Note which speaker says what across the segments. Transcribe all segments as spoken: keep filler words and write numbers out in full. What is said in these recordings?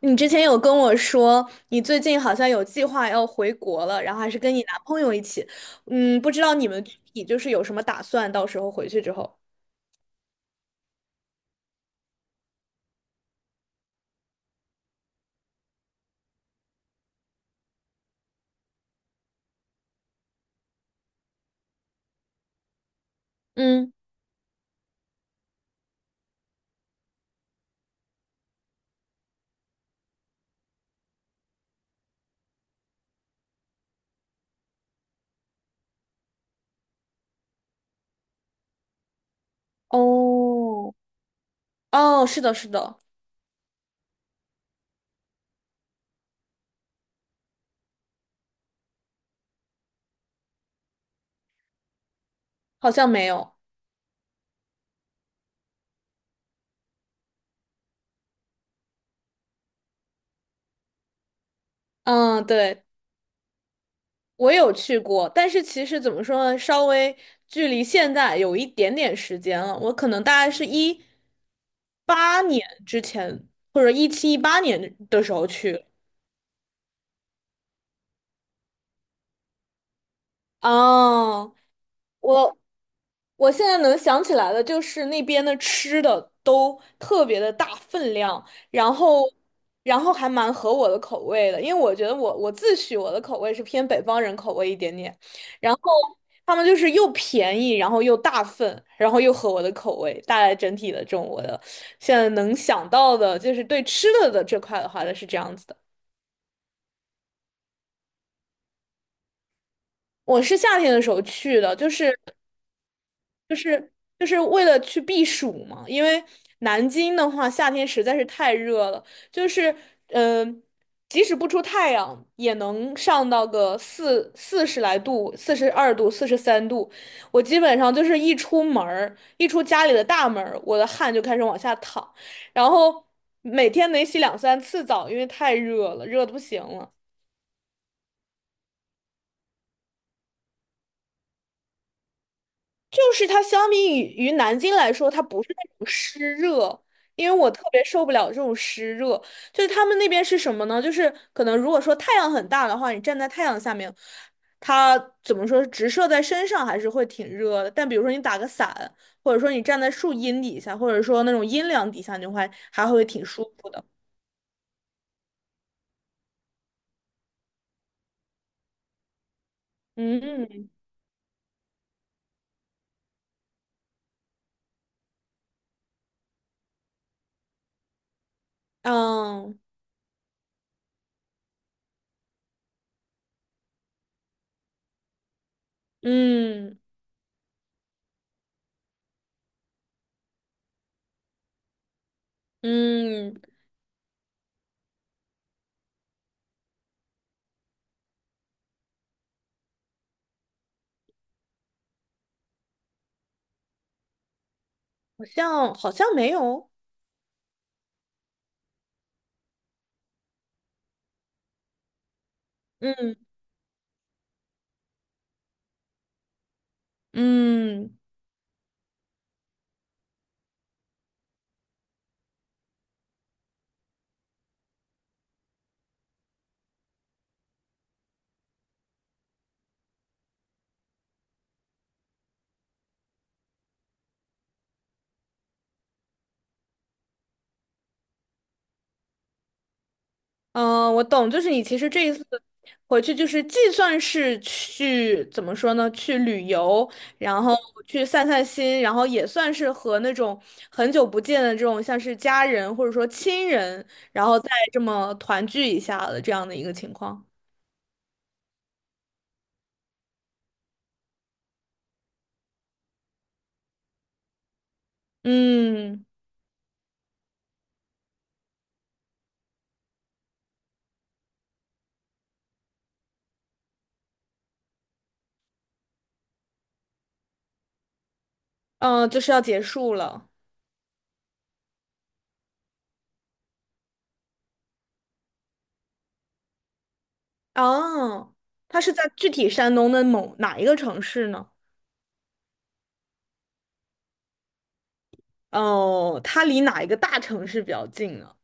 Speaker 1: 你之前有跟我说，你最近好像有计划要回国了，然后还是跟你男朋友一起。嗯，不知道你们具体就是有什么打算，到时候回去之后。嗯，哦，哦，是的，是的，好像没有。嗯，对，我有去过，但是其实怎么说呢，稍微距离现在有一点点时间了。我可能大概是一八年之前，或者一七一八年的时候去。哦，我我现在能想起来的就是那边的吃的都特别的大分量，然后然后还蛮合我的口味的，因为我觉得我我自诩我的口味是偏北方人口味一点点，然后他们就是又便宜，然后又大份，然后又合我的口味，大概整体的这种我的现在能想到的就是对吃的的这块的话呢是这样子的。我是夏天的时候去的，就是。就是就是为了去避暑嘛，因为南京的话夏天实在是太热了，就是嗯、呃即使不出太阳也能上到个四四十来度、四十二度、四十三度。我基本上就是一出门儿，一出家里的大门儿，我的汗就开始往下淌，然后每天得洗两三次澡，因为太热了，热的不行了。就是它相比于于南京来说，它不是那种湿热，因为我特别受不了这种湿热。就是他们那边是什么呢？就是可能如果说太阳很大的话，你站在太阳下面，它怎么说直射在身上还是会挺热的。但比如说你打个伞，或者说你站在树荫底下，或者说那种阴凉底下，你会还会挺舒服的。嗯嗯嗯嗯，好像好像没有。嗯嗯。嗯，我懂，就是你其实这一次回去，就是既算是去怎么说呢，去旅游，然后去散散心，然后也算是和那种很久不见的这种像是家人或者说亲人，然后再这么团聚一下的这样的一个情况。嗯嗯，就是要结束了。哦，它是在具体山东的某哪一个城市呢？哦，它离哪一个大城市比较近呢？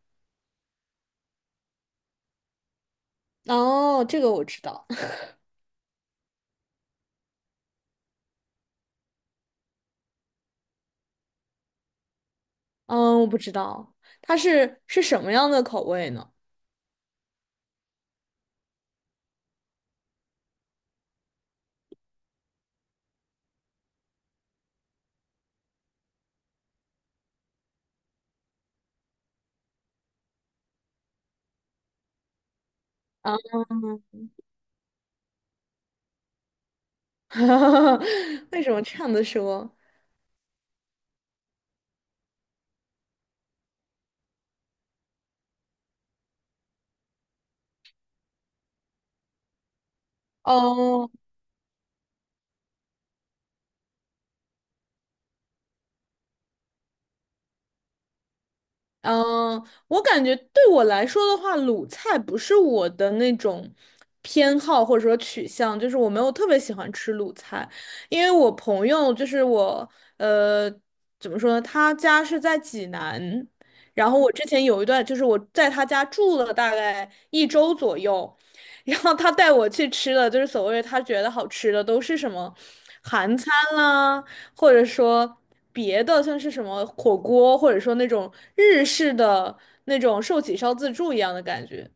Speaker 1: 哦，这个我知道。嗯，我不知道，它是是什么样的口味呢？啊，为什么这样的说？哦嗯，我感觉对我来说的话，鲁菜不是我的那种偏好或者说取向，就是我没有特别喜欢吃鲁菜，因为我朋友就是我，呃，怎么说呢？他家是在济南，然后我之前有一段就是我在他家住了大概一周左右，然后他带我去吃的，就是所谓他觉得好吃的都是什么韩餐啦，或者说。别的，像是什么火锅，或者说那种日式的那种寿喜烧自助一样的感觉。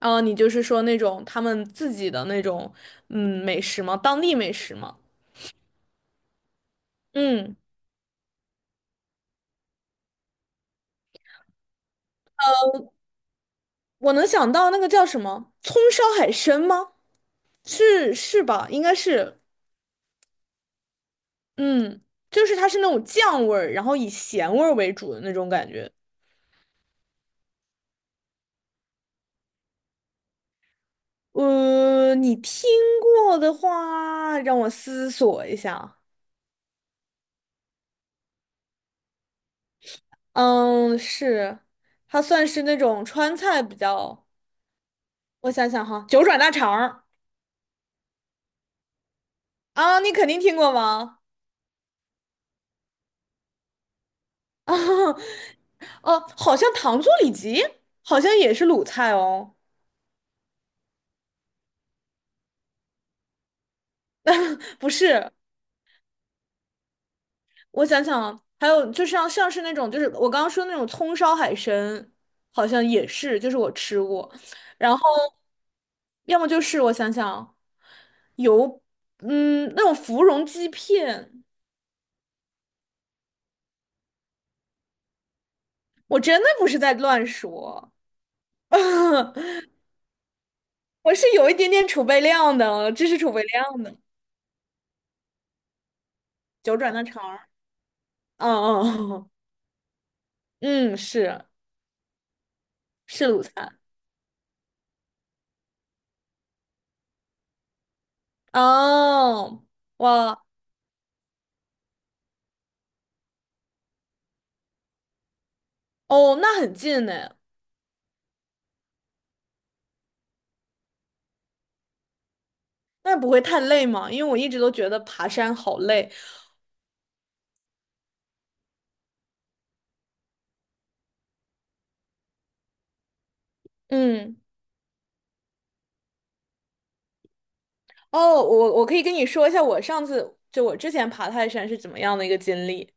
Speaker 1: 啊，你就是说那种他们自己的那种嗯美食吗？当地美食吗？嗯，我能想到那个叫什么葱烧海参吗？是是吧？应该是，嗯，就是它是那种酱味儿，然后以咸味儿为主的那种感觉。呃，你听过的话，让我思索一下。嗯，是，它算是那种川菜比较，我想想哈，九转大肠儿啊，你肯定听过吗？啊，哦，好像糖醋里脊好像也是鲁菜哦，不是，我想想啊，还有就像像是那种就是我刚刚说那种葱烧海参，好像也是，就是我吃过，然后要么就是我想想啊，有嗯那种芙蓉鸡片，我真的不是在乱说。我是有一点点储备量的，知识储备量的，九转的肠儿。嗯嗯嗯，嗯是是鲁菜。哦，哇哦，那很近呢，那不会太累吗？因为我一直都觉得爬山好累。嗯，哦，我我可以跟你说一下，我上次就我之前爬泰山是怎么样的一个经历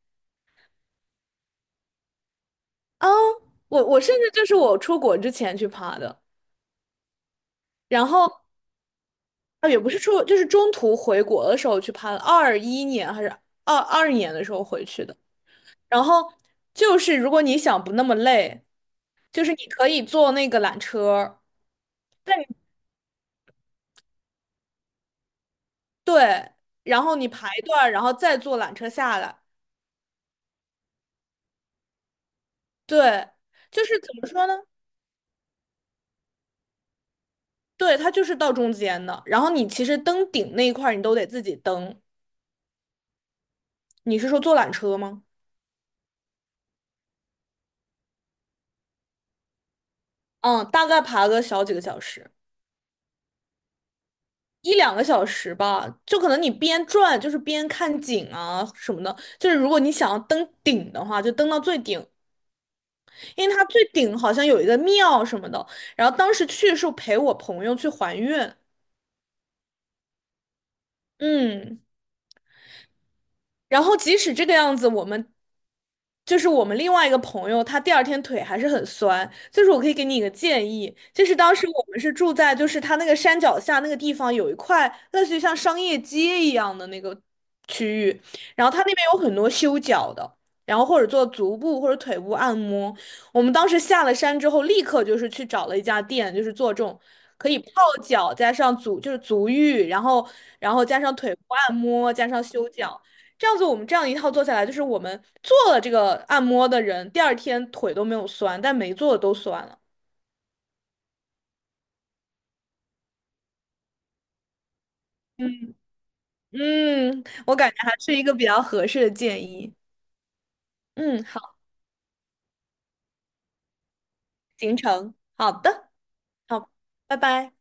Speaker 1: 啊？我我甚至就是我出国之前去爬的，然后啊，也不是说，就是中途回国的时候去爬，的，二一年还是二二年的时候回去的。然后就是如果你想不那么累，就是你可以坐那个缆车，但你对，然后你排一段，然后再坐缆车下来。对，就是怎么说呢？对，它就是到中间的。然后你其实登顶那一块儿你都得自己登。你是说坐缆车吗？嗯，大概爬个小几个小时。一两个小时吧，就可能你边转就是边看景啊什么的。就是如果你想要登顶的话，就登到最顶，因为它最顶好像有一个庙什么的。然后当时去是陪我朋友去还愿，嗯。然后即使这个样子，我们就是我们另外一个朋友，他第二天腿还是很酸。就是我可以给你一个建议，就是当时我们是住在就是他那个山脚下那个地方有一块类似于像商业街一样的那个区域，然后他那边有很多修脚的。然后或者做足部或者腿部按摩，我们当时下了山之后，立刻就是去找了一家店，就是做这种可以泡脚加上足就是足浴，然后然后加上腿部按摩加上修脚。这样子，我们这样一套做下来，就是我们做了这个按摩的人，第二天腿都没有酸，但没做的都酸了。嗯嗯，我感觉还是一个比较合适的建议。嗯，好，行程，好的，好，拜拜。